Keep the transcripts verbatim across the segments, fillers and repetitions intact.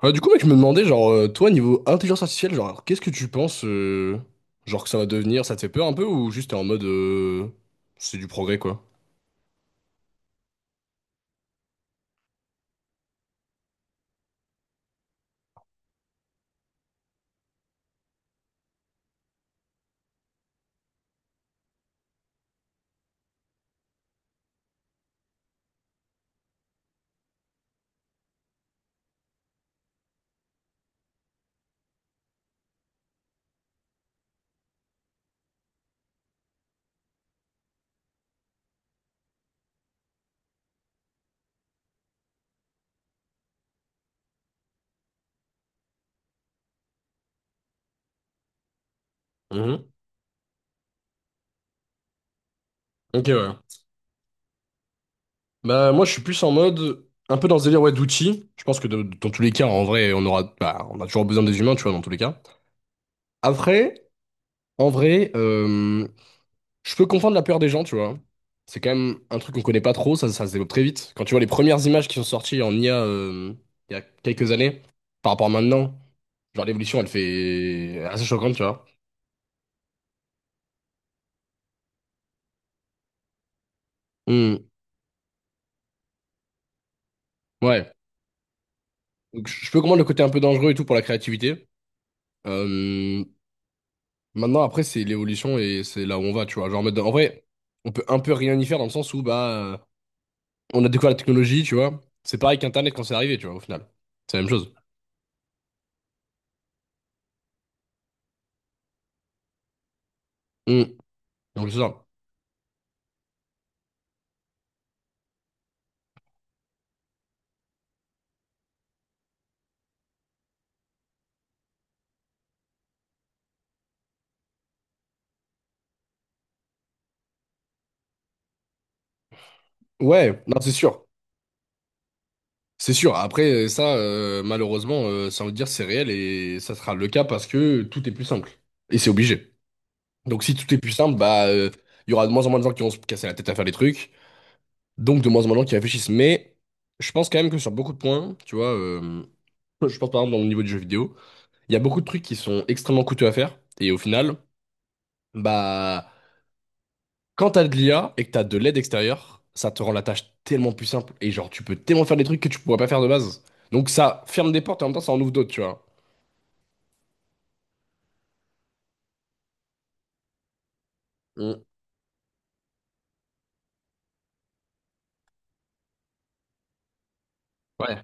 Ah, du coup, mec, je me demandais, genre, euh, toi, niveau intelligence artificielle, genre, qu'est-ce que tu penses, euh, genre, que ça va devenir? Ça te fait peur un peu ou juste t'es en mode, euh, c'est du progrès, quoi? Mhm. Ok, ouais. Bah, moi, je suis plus en mode, un peu dans ce délire, ouais, d'outils. Je pense que de- dans tous les cas, en vrai, on aura, bah, on a toujours besoin des humains, tu vois, dans tous les cas. Après, en vrai, euh, je peux comprendre la peur des gens, tu vois. C'est quand même un truc qu'on connaît pas trop, ça, ça se développe très vite. Quand tu vois les premières images qui sont sorties en I A, euh, il y a quelques années, par rapport à maintenant. Genre l'évolution, elle fait assez choquante, tu vois. Hmm, ouais. Donc je je peux comprendre le côté un peu dangereux et tout pour la créativité. Euh, Maintenant, après, c'est l'évolution et c'est là où on va, tu vois. Genre en mode, en vrai, on peut un peu rien y faire dans le sens où bah euh, on a découvert la technologie, tu vois. C'est pareil qu'Internet quand c'est arrivé, tu vois, au final. C'est la même chose. Hmm. Donc c'est ça. Ouais, non, c'est sûr. C'est sûr. Après, ça, euh, malheureusement, euh, ça veut dire c'est réel et ça sera le cas parce que tout est plus simple. Et c'est obligé. Donc si tout est plus simple, bah, euh, il y aura de moins en moins de gens qui vont se casser la tête à faire des trucs, donc de moins en moins de gens qui réfléchissent. Mais je pense quand même que sur beaucoup de points, tu vois, euh, je pense par exemple dans le niveau du jeu vidéo, il y a beaucoup de trucs qui sont extrêmement coûteux à faire, et au final, bah, quand t'as de l'I A et que t'as de l'aide extérieure, ça te rend la tâche tellement plus simple, et genre tu peux tellement faire des trucs que tu pourrais pas faire de base. Donc ça ferme des portes et en même temps ça en ouvre d'autres, tu vois. Mm. Ouais.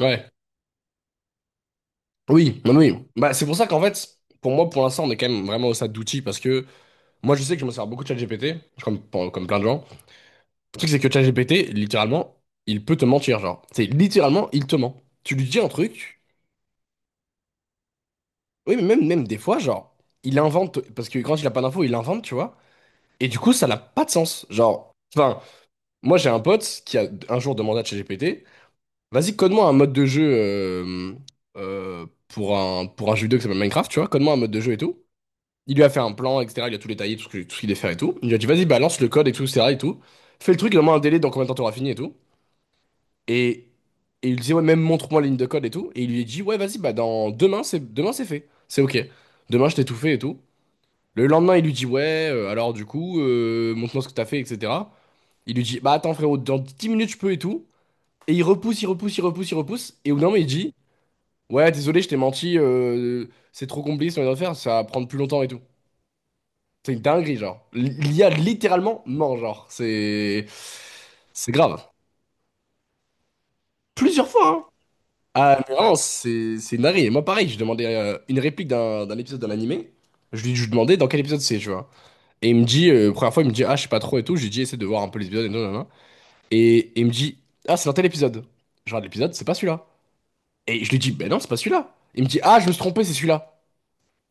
Ouais. Oui, oui, oui. Bah, c'est pour ça qu'en fait, pour moi, pour l'instant, on est quand même vraiment au stade d'outils parce que moi, je sais que je me sers beaucoup de ChatGPT, comme, pour- comme plein de gens. Le truc, c'est que ChatGPT, littéralement, il peut te mentir, genre. C'est littéralement, il te ment. Tu lui dis un truc, oui, mais même, même des fois, genre, il invente, parce que quand il a pas d'infos, il invente, tu vois. Et du coup, ça n'a pas de sens. Genre, enfin, moi, j'ai un pote qui a un jour demandé à ChatGPT, vas-y, code-moi un mode de jeu euh, euh, pour un, pour un jeu vidéo qui s'appelle Minecraft, tu vois, code-moi un mode de jeu et tout. Il lui a fait un plan, et cetera. Il a tout détaillé, tout ce que- tout ce qu'il devait faire et tout. Il lui a dit, vas-y, balance le code et tout, et cetera et tout. Fais le truc, il a met un délai dans combien de temps t'auras fini et tout. Et, et il disait, ouais, même montre-moi la ligne de code et tout. Et il lui a dit, ouais, vas-y, bah, dans demain, c'est demain, c'est fait. C'est ok. Demain, je t'ai tout fait et tout. Le lendemain, il lui dit, ouais, euh, alors du coup, euh, montre-moi ce que t'as fait, et cetera. Il lui dit, bah, attends, frérot, dans dix minutes, je peux et tout. Et il repousse, il repousse, il repousse, il repousse. Et au bout d'un moment, il dit, ouais, désolé, je t'ai menti, euh, c'est trop compliqué ce qu'on vient de faire, ça va prendre plus longtemps et tout. C'est une dinguerie, genre. L'I a littéralement ment, genre. C'est. C'est grave. Plusieurs fois, hein. Ah, mais vraiment, c'est c'est une dinguerie. Et moi, pareil, je demandais euh, une réplique d'un d'un épisode d'un animé. Je lui, je lui demandais dans quel épisode c'est, tu vois. Et il me dit, euh, première fois, il me dit, ah, je sais pas trop et tout. Je lui dis, essaie de voir un peu les épisodes et tout, nanana. Et il me dit, ah, c'est dans tel épisode. Je regarde l'épisode, c'est pas celui-là. Et je lui dis, ben non, c'est pas celui-là. Il me dit, ah, je me suis trompé, c'est celui-là.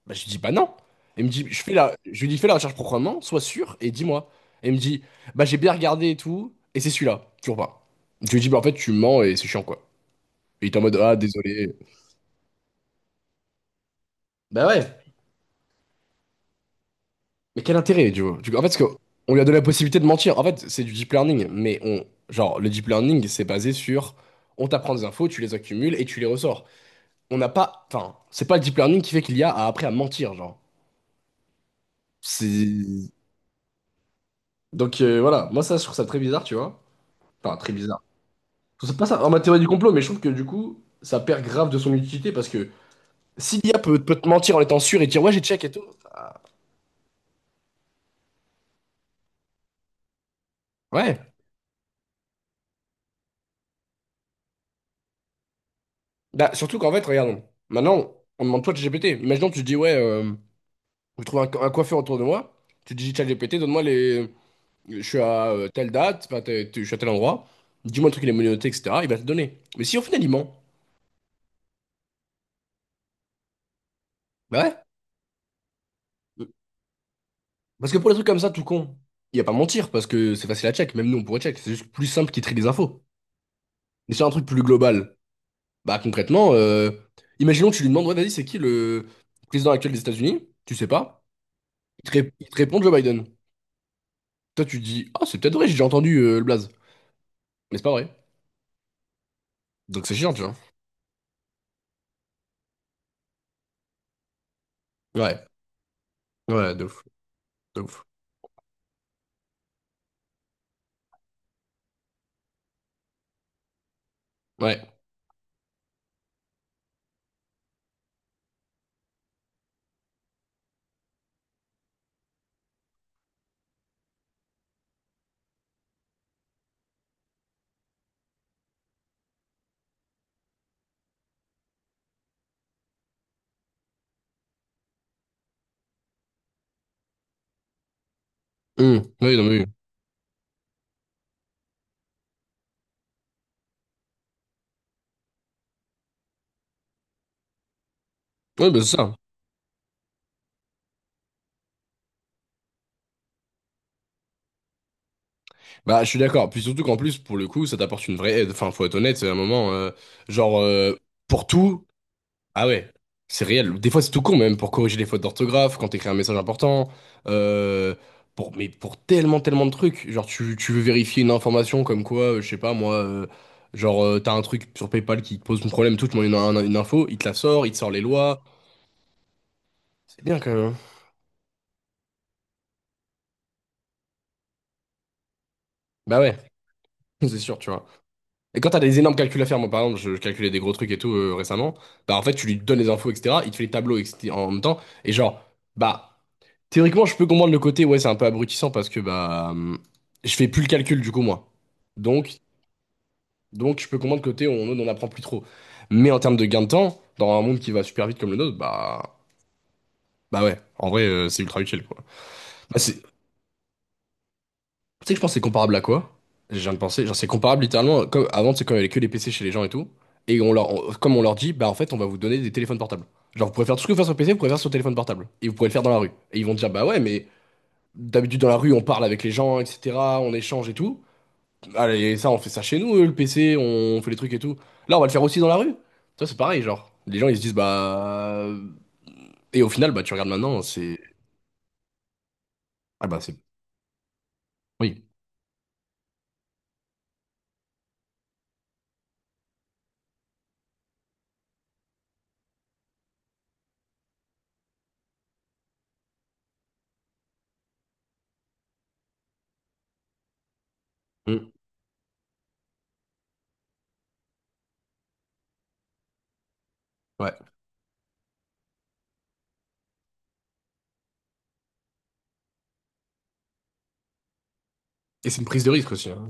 Bah, je lui dis, bah non. Elle me dit, je fais la... je lui dis, fais la recherche proprement, sois sûr et dis-moi. Elle me dit, bah j'ai bien regardé et tout, et c'est celui-là, toujours pas. Je lui dis, bah en fait, tu mens et c'est chiant, quoi. Et il était en mode, ah, désolé. Bah ouais. Mais quel intérêt, tu vois? Du coup, en fait, parce que on lui a donné la possibilité de mentir. En fait, c'est du deep learning, mais on... genre, le deep learning, c'est basé sur, on t'apprend des infos, tu les accumules et tu les ressors. On n'a pas, enfin, c'est pas le deep learning qui fait qu'il y a à après à mentir, genre. C'est... Donc euh, voilà, moi ça, je trouve ça très bizarre, tu vois. Enfin, très bizarre. C'est pas ça, en ma théorie du complot, mais je trouve que du coup, ça perd grave de son utilité parce que si l'I A peut, peut te mentir en étant sûr et te dire ouais, j'ai check et tout. Ouais. Bah, surtout qu'en fait, regarde, maintenant, on demande toi de G P T. Imaginons, tu dis ouais, euh, je trouve un, co- un coiffeur autour de moi, tu dis chat G P T, donne-moi les. Je suis à euh, telle date, enfin, t'es- t'es- je suis à tel endroit, dis-moi le truc, il est menotté, et cetera. Il va te donner. Mais si au final, il ment, bah ouais. Parce que pour les trucs comme ça, tout con, il n'y a pas mentir parce que c'est facile à check, même nous, on pourrait check, c'est juste plus simple qu'il trie les infos. Mais sur un truc plus global. Bah concrètement, euh, imaginons que tu lui demandes, ouais, vas-y, c'est qui le président actuel des États-Unis? Tu sais pas. Il te, ré- il te répond Joe Biden. Toi, tu te dis, ah, c'est peut-être vrai, j'ai déjà entendu euh, le blaze. Mais c'est pas vrai. Donc c'est chiant, tu vois. Ouais, ouais, de ouf, de ouf. Ouais. Hum, oui, non, mais oui. Ouais, bah c'est ça. Bah, je suis d'accord. Puis surtout qu'en plus, pour le coup, ça t'apporte une vraie aide. Enfin, faut être honnête, c'est un moment, euh, genre, euh, pour tout, ah ouais, c'est réel. Des fois, c'est tout con, même pour corriger les fautes d'orthographe, quand t'écris un message important, euh, pour, mais pour tellement, tellement de trucs. Genre, tu, tu veux vérifier une information comme quoi, euh, je sais pas, moi, euh, genre, euh, t'as un truc sur PayPal qui te pose un problème, tout, tu demandes une, un- une info, il te la sort, il te sort les lois. C'est bien quand même, hein. Bah ouais, c'est sûr, tu vois. Et quand t'as des énormes calculs à faire, moi, par exemple, je, je calculais des gros trucs et tout euh, récemment, bah en fait, tu lui donnes les infos, et cetera, il te fait les tableaux et cetera, en même temps, et genre, bah. Théoriquement, je peux comprendre le côté, ouais, c'est un peu abrutissant parce que bah hum, je fais plus le calcul du coup moi. Donc, donc je peux comprendre le côté où on n'en apprend plus trop. Mais en termes de gain de temps, dans un monde qui va super vite comme le nôtre, bah bah ouais, en vrai euh, c'est ultra utile quoi. Bah, c'est, tu sais que je pense que c'est comparable à quoi? Je viens de penser, genre c'est comparable littéralement, comme avant c'est quand il y avait que les P C chez les gens et tout, et on leur, on- comme on leur dit, bah en fait on va vous donner des téléphones portables. Genre vous pouvez faire tout ce que vous faites sur P C, vous pouvez faire sur téléphone portable, et vous pouvez le faire dans la rue. Et ils vont dire bah ouais mais d'habitude, dans la rue, on parle avec les gens, et cetera. On échange et tout. Allez, ça, on fait ça chez nous, euh, le P C, on fait les trucs et tout. Là, on va le faire aussi dans la rue. Ça, c'est pareil, genre. Les gens, ils se disent, bah. Et au final, bah, tu regardes maintenant, c'est. Ah, bah, c'est. Oui. Mm. Ouais. Et c'est une prise de risque aussi, hein.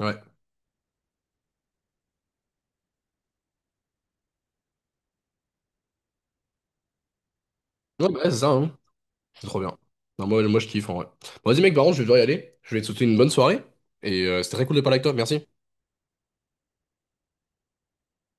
Ouais. Ouais, bah, ouais, c'est ça, hein. C'est trop bien. Non, moi, moi, je kiffe, en vrai. Bon, vas-y, mec, par contre, je vais devoir y aller. Je vais te souhaiter une bonne soirée. Et euh, c'était très cool de parler avec toi. Merci.